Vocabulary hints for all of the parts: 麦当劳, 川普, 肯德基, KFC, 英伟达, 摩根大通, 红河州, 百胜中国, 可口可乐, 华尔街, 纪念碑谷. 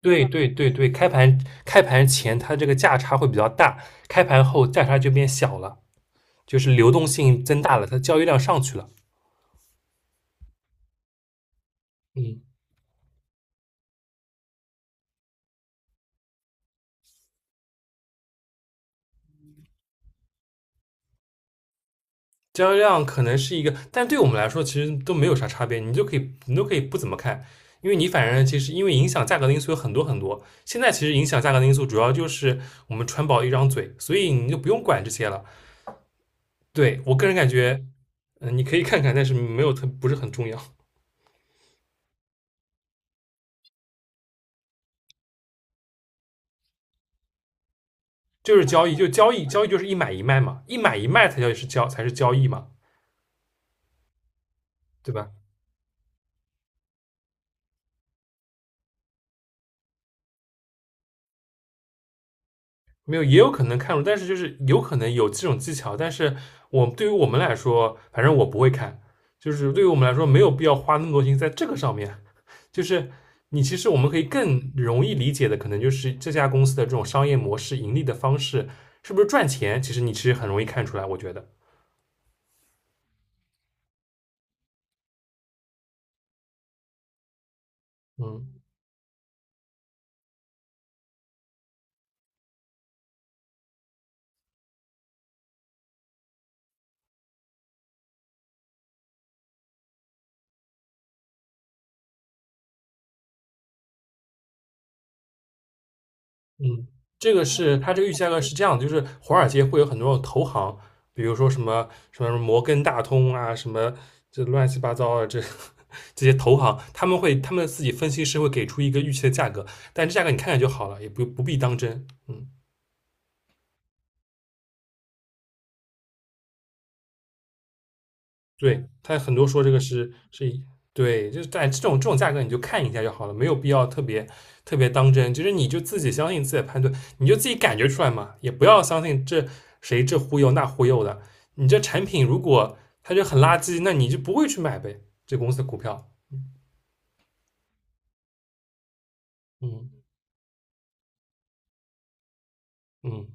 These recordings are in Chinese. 对对对对，开盘开盘前它这个价差会比较大，开盘后价差就变小了，就是流动性增大了，它交易量上去了。嗯，交易量可能是一个，但对我们来说其实都没有啥差别，你都可以不怎么看，因为你反正其实因为影响价格的因素有很多很多，现在其实影响价格的因素主要就是我们川宝一张嘴，所以你就不用管这些了。对我个人感觉，嗯、你可以看看，但是没有特不是很重要。就是交易，就交易，交易就是一买一卖嘛，一买一卖才叫是交才是交易嘛，对吧？没有，也有可能看懂，但是就是有可能有这种技巧，但是我对于我们来说，反正我不会看，就是对于我们来说没有必要花那么多心在这个上面。就是你其实我们可以更容易理解的，可能就是这家公司的这种商业模式、盈利的方式是不是赚钱，其实你其实很容易看出来，我觉得。嗯。嗯，这个是它这个预期价格是这样的，就是华尔街会有很多种投行，比如说什么摩根大通啊，什么这乱七八糟的这 这些投行，他们自己分析师会给出一个预期的价格，但这价格你看看就好了，也不必当真。嗯。对，他很多说这个是以对，就是在这种价格你就看一下就好了，没有必要特别当真。就是你就自己相信自己的判断，你就自己感觉出来嘛，也不要相信这谁这忽悠那忽悠的。你这产品如果它就很垃圾，那你就不会去买呗，这公司的股票。嗯嗯，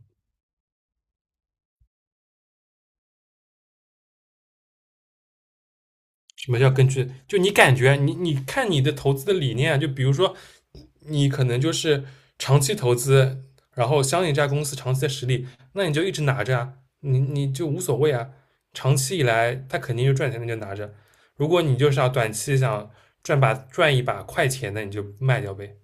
什么叫根据？就你感觉，你看你的投资的理念啊，就比如说你可能就是长期投资，然后相信这家公司长期的实力，那你就一直拿着啊，你就无所谓啊。长期以来，它肯定就赚钱，那就拿着。如果你就是要短期想赚一把快钱，那你就卖掉呗。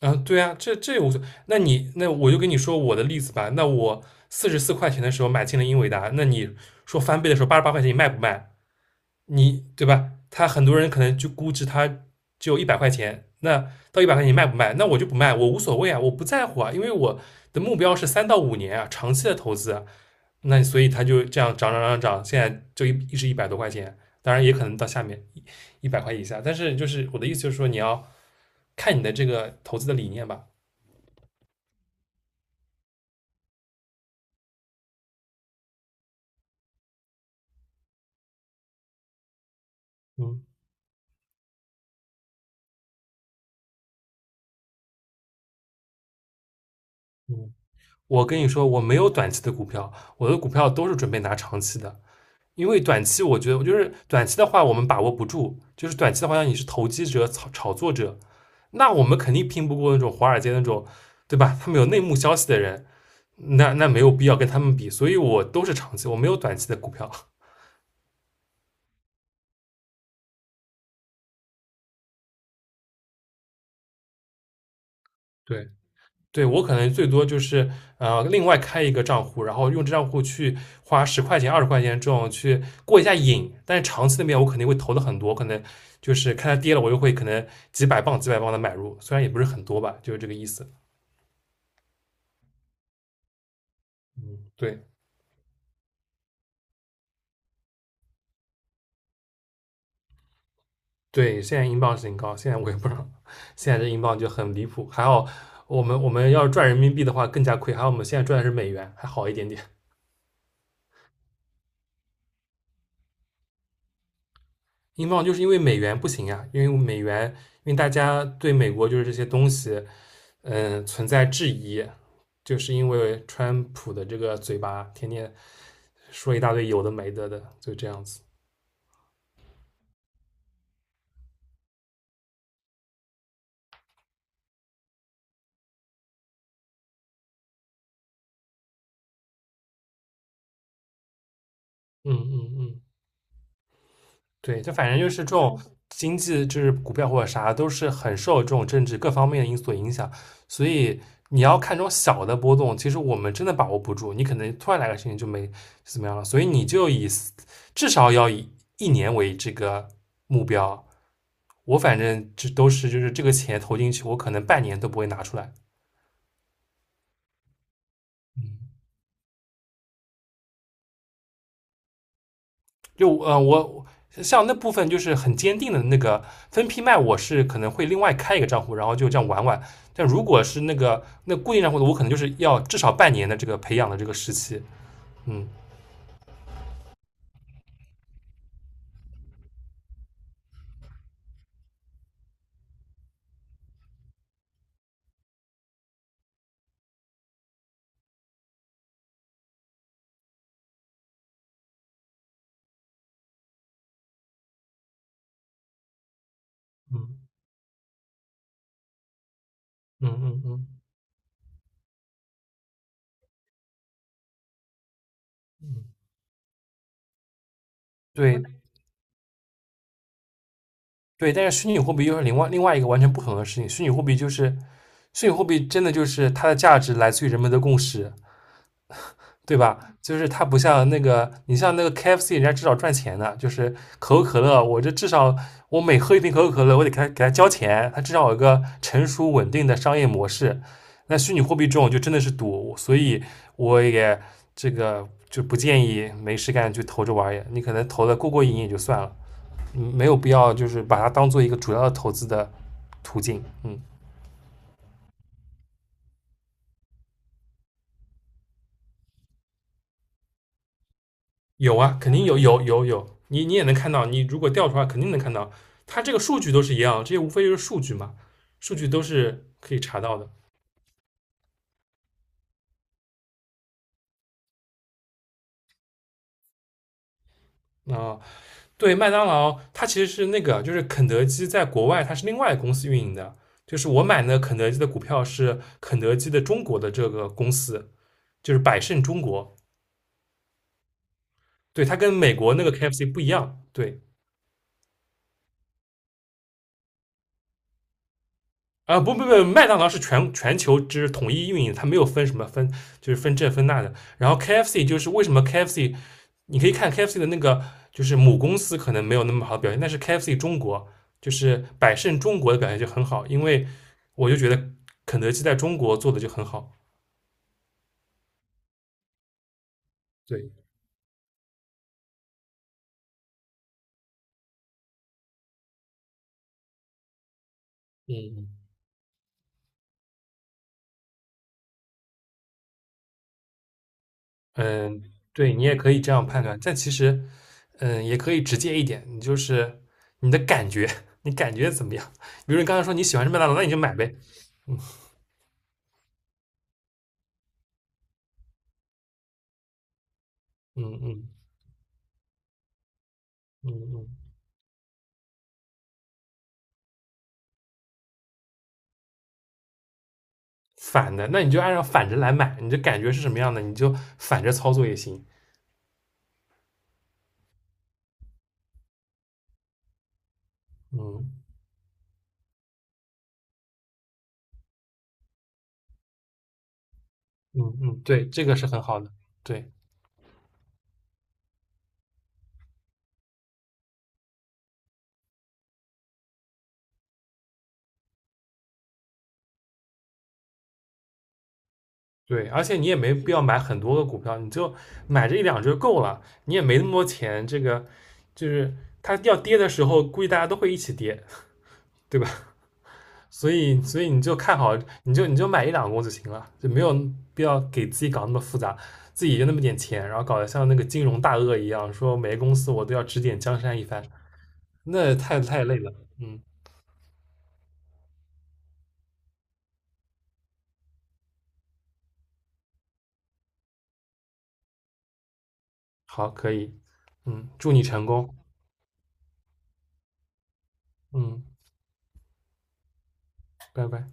啊，对啊，这这无所谓。那你那我就跟你说我的例子吧。那我44块钱的时候买进了英伟达，那你说翻倍的时候88块钱，你卖不卖？你对吧？他很多人可能就估值他只有一百块钱，那到一百块钱你卖不卖？那我就不卖，我无所谓啊，我不在乎啊，因为我的目标是3到5年啊，长期的投资啊那所以他就这样涨涨涨涨，现在就一直100多块钱，当然也可能到下面100块以下。但是就是我的意思就是说，你要看你的这个投资的理念吧。嗯嗯，我跟你说，我没有短期的股票，我的股票都是准备拿长期的。因为短期我觉得就是短期的话我们把握不住，就是短期的话像你是投机者、炒作者，那我们肯定拼不过那种华尔街那种，对吧？他们有内幕消息的人，那那没有必要跟他们比，所以我都是长期，我没有短期的股票。对，对我可能最多就是另外开一个账户，然后用这账户去花十块钱、20块钱这种去过一下瘾。但是长期那边我肯定会投的很多，可能就是看它跌了，我又会可能几百磅、几百磅的买入，虽然也不是很多吧，就是这个意思。嗯，对对，现在英镑是挺高，现在我也不知道，现在这英镑就很离谱。还好我们要是赚人民币的话更加亏，还好我们现在赚的是美元，还好一点点。英镑就是因为美元不行呀、因为美元，因为大家对美国就是这些东西，嗯，存在质疑，就是因为川普的这个嘴巴天天说一大堆有的没的的，就这样子。嗯嗯嗯，对，就反正就是这种经济，就是股票或者啥，都是很受这种政治各方面的因素影响。所以你要看这种小的波动，其实我们真的把握不住，你可能突然来个事情就没怎么样了。所以你至少要以1年为这个目标。我反正这都是就是这个钱投进去，我可能半年都不会拿出来。就我像那部分就是很坚定的那个分批卖，我是可能会另外开一个账户，然后就这样玩玩。但如果是那个那固定账户的，我可能就是要至少半年的这个培养的这个时期。嗯嗯嗯嗯嗯嗯，对对。但是虚拟货币又是另外一个完全不同的事情。虚拟货币，真的就是它的价值来自于人们的共识。对吧？就是它不像那个，你像那个 KFC,人家至少赚钱的，就是可口可乐，我这至少我每喝一瓶可口可乐，我得给他交钱，它至少有个成熟稳定的商业模式。那虚拟货币这种就真的是赌，所以我也这个就不建议没事干去投这玩儿你可能投的过瘾也就算了，嗯没有必要就是把它当做一个主要的投资的途径，嗯。有啊，肯定有，你你也能看到，你如果调出来肯定能看到，它这个数据都是一样，这些无非就是数据嘛，数据都是可以查到的啊、对，麦当劳它其实是那个，就是肯德基在国外它是另外公司运营的，就是我买的肯德基的股票是肯德基的中国的这个公司，就是百胜中国，对，它跟美国那个 KFC 不一样，对。啊，不，麦当劳是全球之统一运营，它没有分什么分，就是分这分那的。然后 KFC 就是为什么 KFC 你可以看 KFC 的那个，就是母公司可能没有那么好的表现，但是 KFC 中国就是百胜中国的表现就很好，因为我就觉得肯德基在中国做的就很好。对，嗯嗯，对你也可以这样判断，但其实，嗯，也可以直接一点，你就是你的感觉，你感觉怎么样？比如你刚才说你喜欢吃麦当劳，那你就买呗。嗯嗯嗯嗯，反的，那你就按照反着来买，你的感觉是什么样的，你就反着操作也行。嗯。嗯嗯，对，这个是很好的，对对，而且你也没必要买很多个股票，你就买这一两只就够了，你也没那么多钱，这个就是它要跌的时候，估计大家都会一起跌，对吧？所以所以你就看好，你就买一两个就行了，就没有必要给自己搞那么复杂，自己就那么点钱，然后搞得像那个金融大鳄一样，说每个公司我都要指点江山一番，那太累了。嗯，好，可以，嗯，祝你成功，嗯，拜拜。